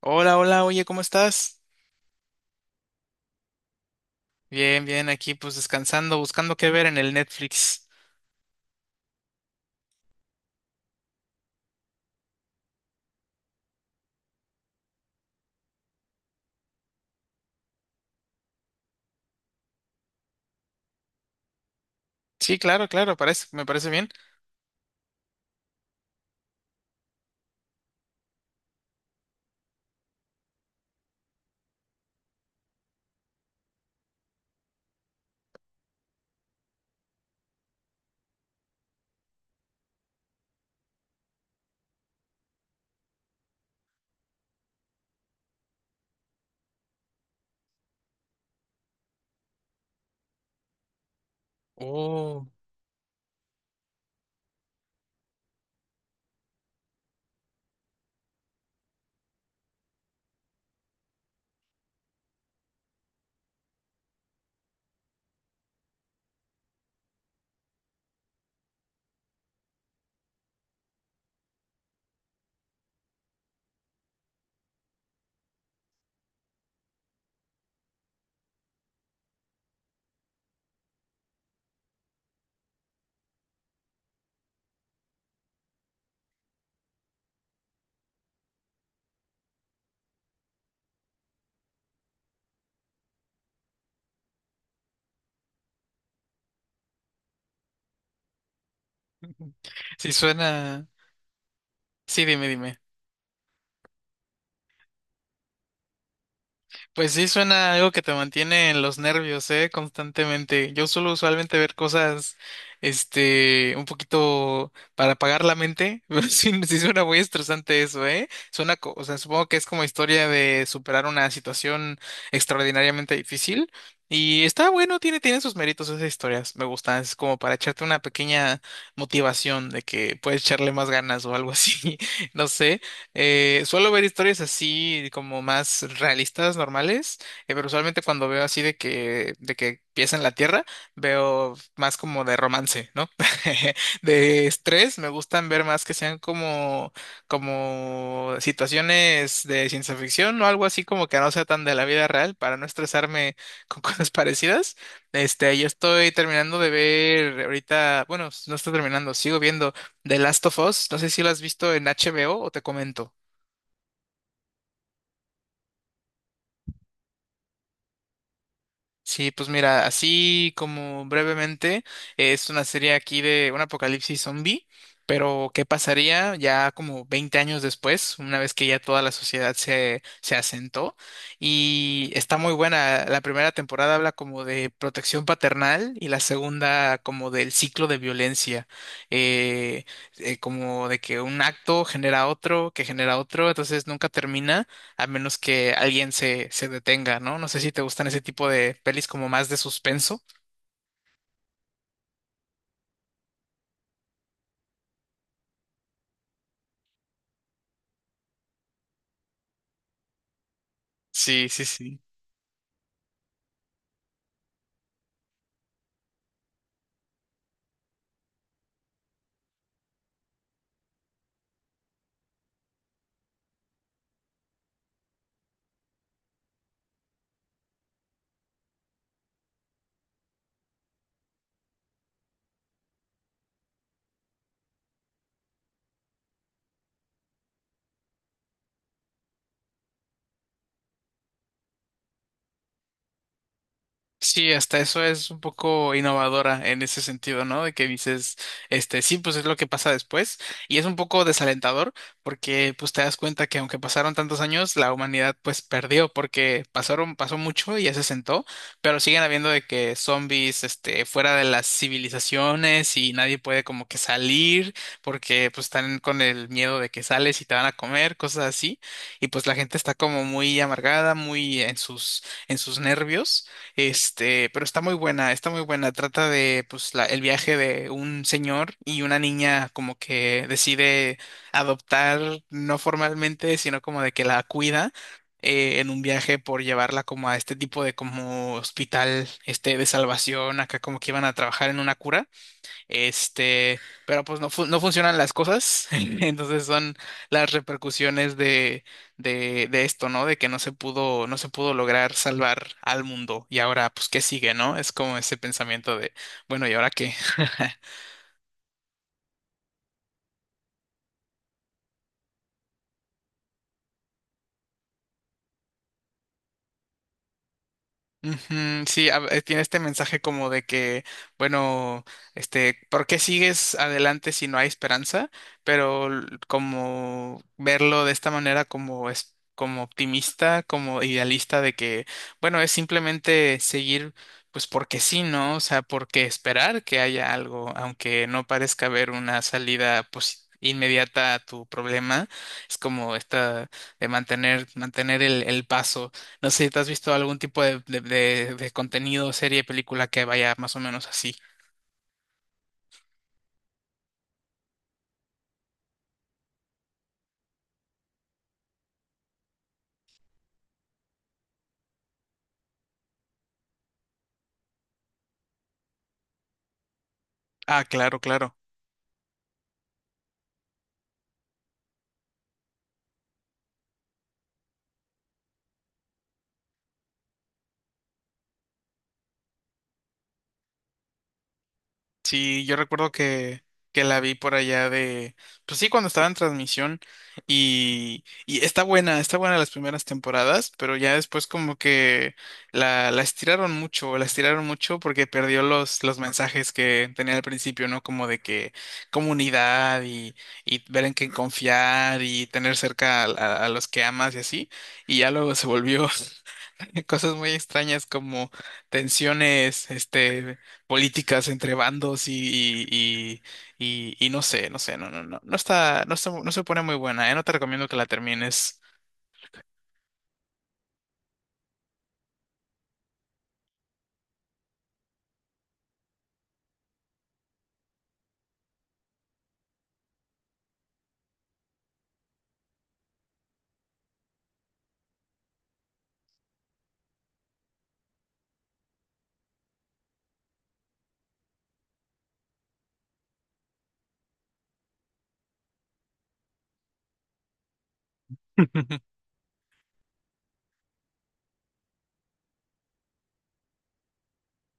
Hola, hola, oye, ¿cómo estás? Bien, bien, aquí pues descansando, buscando qué ver en el Netflix. Sí, claro, claro, me parece bien. Oh, sí suena. Sí, dime, dime. Pues sí, suena algo que te mantiene en los nervios, ¿eh? Constantemente. Yo suelo usualmente ver cosas, este, un poquito para apagar la mente, pero sí, sí suena muy estresante eso, ¿eh? Suena, o sea, supongo que es como historia de superar una situación extraordinariamente difícil. Y está bueno, tiene sus méritos esas historias, me gustan, es como para echarte una pequeña motivación de que puedes echarle más ganas o algo así, no sé. Suelo ver historias así como más realistas, normales, pero usualmente cuando veo así de que empieza en la tierra, veo más como de romance, ¿no? De estrés, me gustan ver más que sean como situaciones de ciencia ficción o algo así como que no sea tan de la vida real para no estresarme con cosas parecidas. Este, yo estoy terminando de ver ahorita, bueno, no estoy terminando, sigo viendo. The Last of Us, no sé si lo has visto en HBO o te comento. Sí, pues mira, así como brevemente, es una serie aquí de un apocalipsis zombie, pero ¿qué pasaría ya como 20 años después, una vez que ya toda la sociedad se asentó? Y está muy buena. La primera temporada habla como de protección paternal y la segunda como del ciclo de violencia. Eh, Como de que un acto genera otro, que genera otro, entonces nunca termina a menos que alguien se detenga, ¿no? No sé si te gustan ese tipo de pelis como más de suspenso. Sí, sí, sí. Sí, hasta eso es un poco innovadora en ese sentido, ¿no? De que dices, este, sí, pues es lo que pasa después. Y es un poco desalentador porque pues te das cuenta que aunque pasaron tantos años, la humanidad pues perdió porque pasó mucho y ya se sentó, pero siguen habiendo de que zombies, este, fuera de las civilizaciones y nadie puede como que salir porque pues están con el miedo de que sales y te van a comer, cosas así. Y pues la gente está como muy amargada, muy en sus nervios. Este, pero está muy buena, está muy buena. Trata de, pues, el viaje de un señor y una niña como que decide adoptar, no formalmente, sino como de que la cuida en un viaje por llevarla como a este tipo de como hospital, este, de salvación, acá como que iban a trabajar en una cura. Este, pero pues no, no funcionan las cosas. Entonces son las repercusiones de esto, ¿no? De que no se pudo lograr salvar al mundo. Y ahora, pues, ¿qué sigue, no? Es como ese pensamiento de, bueno, ¿y ahora qué? Ujú, sí, tiene este mensaje como de que, bueno, este, ¿por qué sigues adelante si no hay esperanza? Pero como verlo de esta manera como es como optimista, como idealista de que, bueno, es simplemente seguir, pues porque sí, ¿no? O sea, porque esperar que haya algo, aunque no parezca haber una salida pues, inmediata a tu problema, es como esta de mantener, mantener el paso. No sé si te has visto algún tipo de contenido, serie, película que vaya más o menos así. Ah, claro, claro. Sí, yo recuerdo que la vi por allá de, pues sí, cuando estaba en transmisión y está buena las primeras temporadas, pero ya después como que la estiraron mucho, la estiraron mucho porque perdió los mensajes que tenía al principio, ¿no? Como de que comunidad y ver en quién confiar y tener cerca a los que amas y así, y ya luego se volvió cosas muy extrañas como tensiones, este políticas entre bandos y, y no sé, no sé, no, no, no, no está, no está, no se pone muy buena, ¿eh? No te recomiendo que la termines.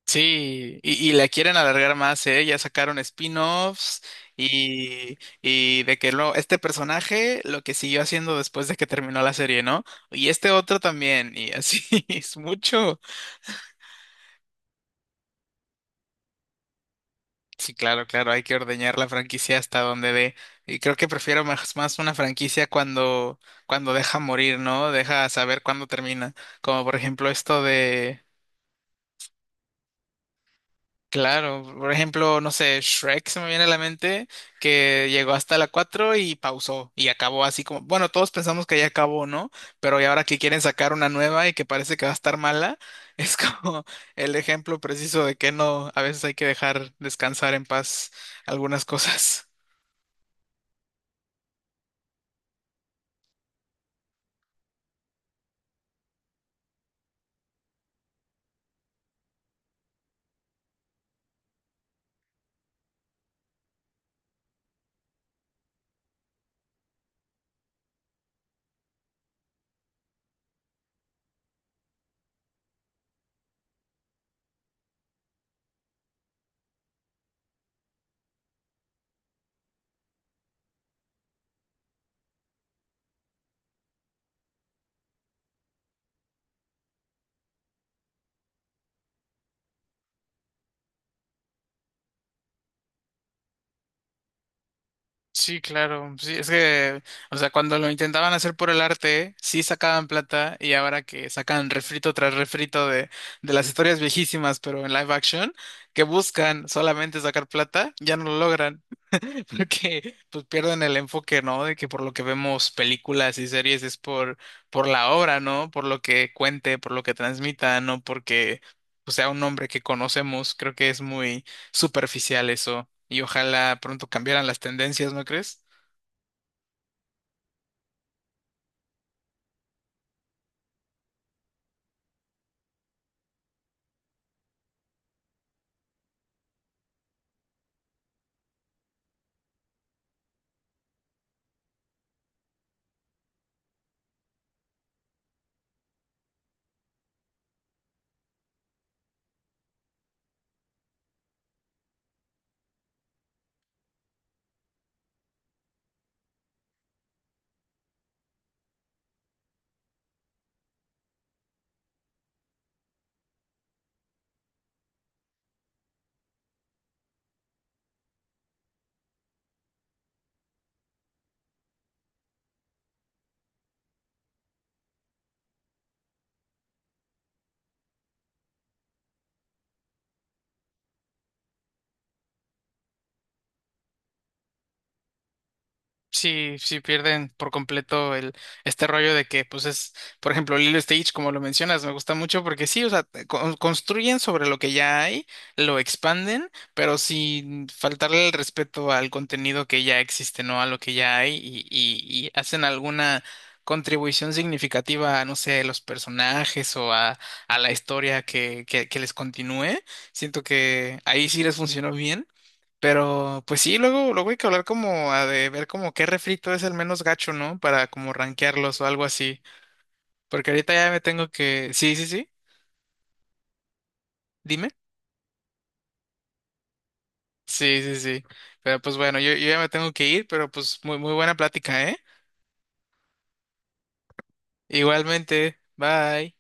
Sí, y la quieren alargar más, ¿eh? Ya sacaron spin-offs y de que este personaje lo que siguió haciendo después de que terminó la serie, ¿no? Y este otro también, y así es mucho. Sí, claro, claro, hay que ordeñar la franquicia hasta donde dé. Y creo que prefiero más una franquicia cuando, deja morir, ¿no? Deja saber cuándo termina. Como por ejemplo esto de, claro, por ejemplo, no sé, Shrek se me viene a la mente, que llegó hasta la 4 y pausó y acabó así como, bueno, todos pensamos que ya acabó, ¿no? Pero y ahora que quieren sacar una nueva y que parece que va a estar mala, es como el ejemplo preciso de que no, a veces hay que dejar descansar en paz algunas cosas. Sí, claro. Sí, es que, o sea, cuando lo intentaban hacer por el arte, sí sacaban plata y ahora que sacan refrito tras refrito de las historias viejísimas, pero en live action, que buscan solamente sacar plata, ya no lo logran. Porque pues pierden el enfoque, ¿no? De que por lo que vemos películas y series es por la obra, ¿no? Por lo que cuente, por lo que transmita, no porque pues, sea un nombre que conocemos. Creo que es muy superficial eso y ojalá pronto cambiaran las tendencias, ¿no crees? Sí, sí pierden por completo el este rollo de que, pues es, por ejemplo, Lilo y Stitch como lo mencionas, me gusta mucho porque sí, o sea, te construyen sobre lo que ya hay, lo expanden, pero sin faltarle el respeto al contenido que ya existe, ¿no? A lo que ya hay y hacen alguna contribución significativa a, no sé, los personajes o a la historia que les continúe. Siento que ahí sí les funcionó bien. Pero, pues sí, luego, luego hay que hablar como a de ver como qué refrito es el menos gacho, ¿no? Para como rankearlos o algo así. Porque ahorita ya me tengo que. Sí, sí, sí. Dime. Sí, sí, sí. Pero pues bueno, yo ya me tengo que ir, pero pues muy, muy buena plática, ¿eh? Igualmente. Bye.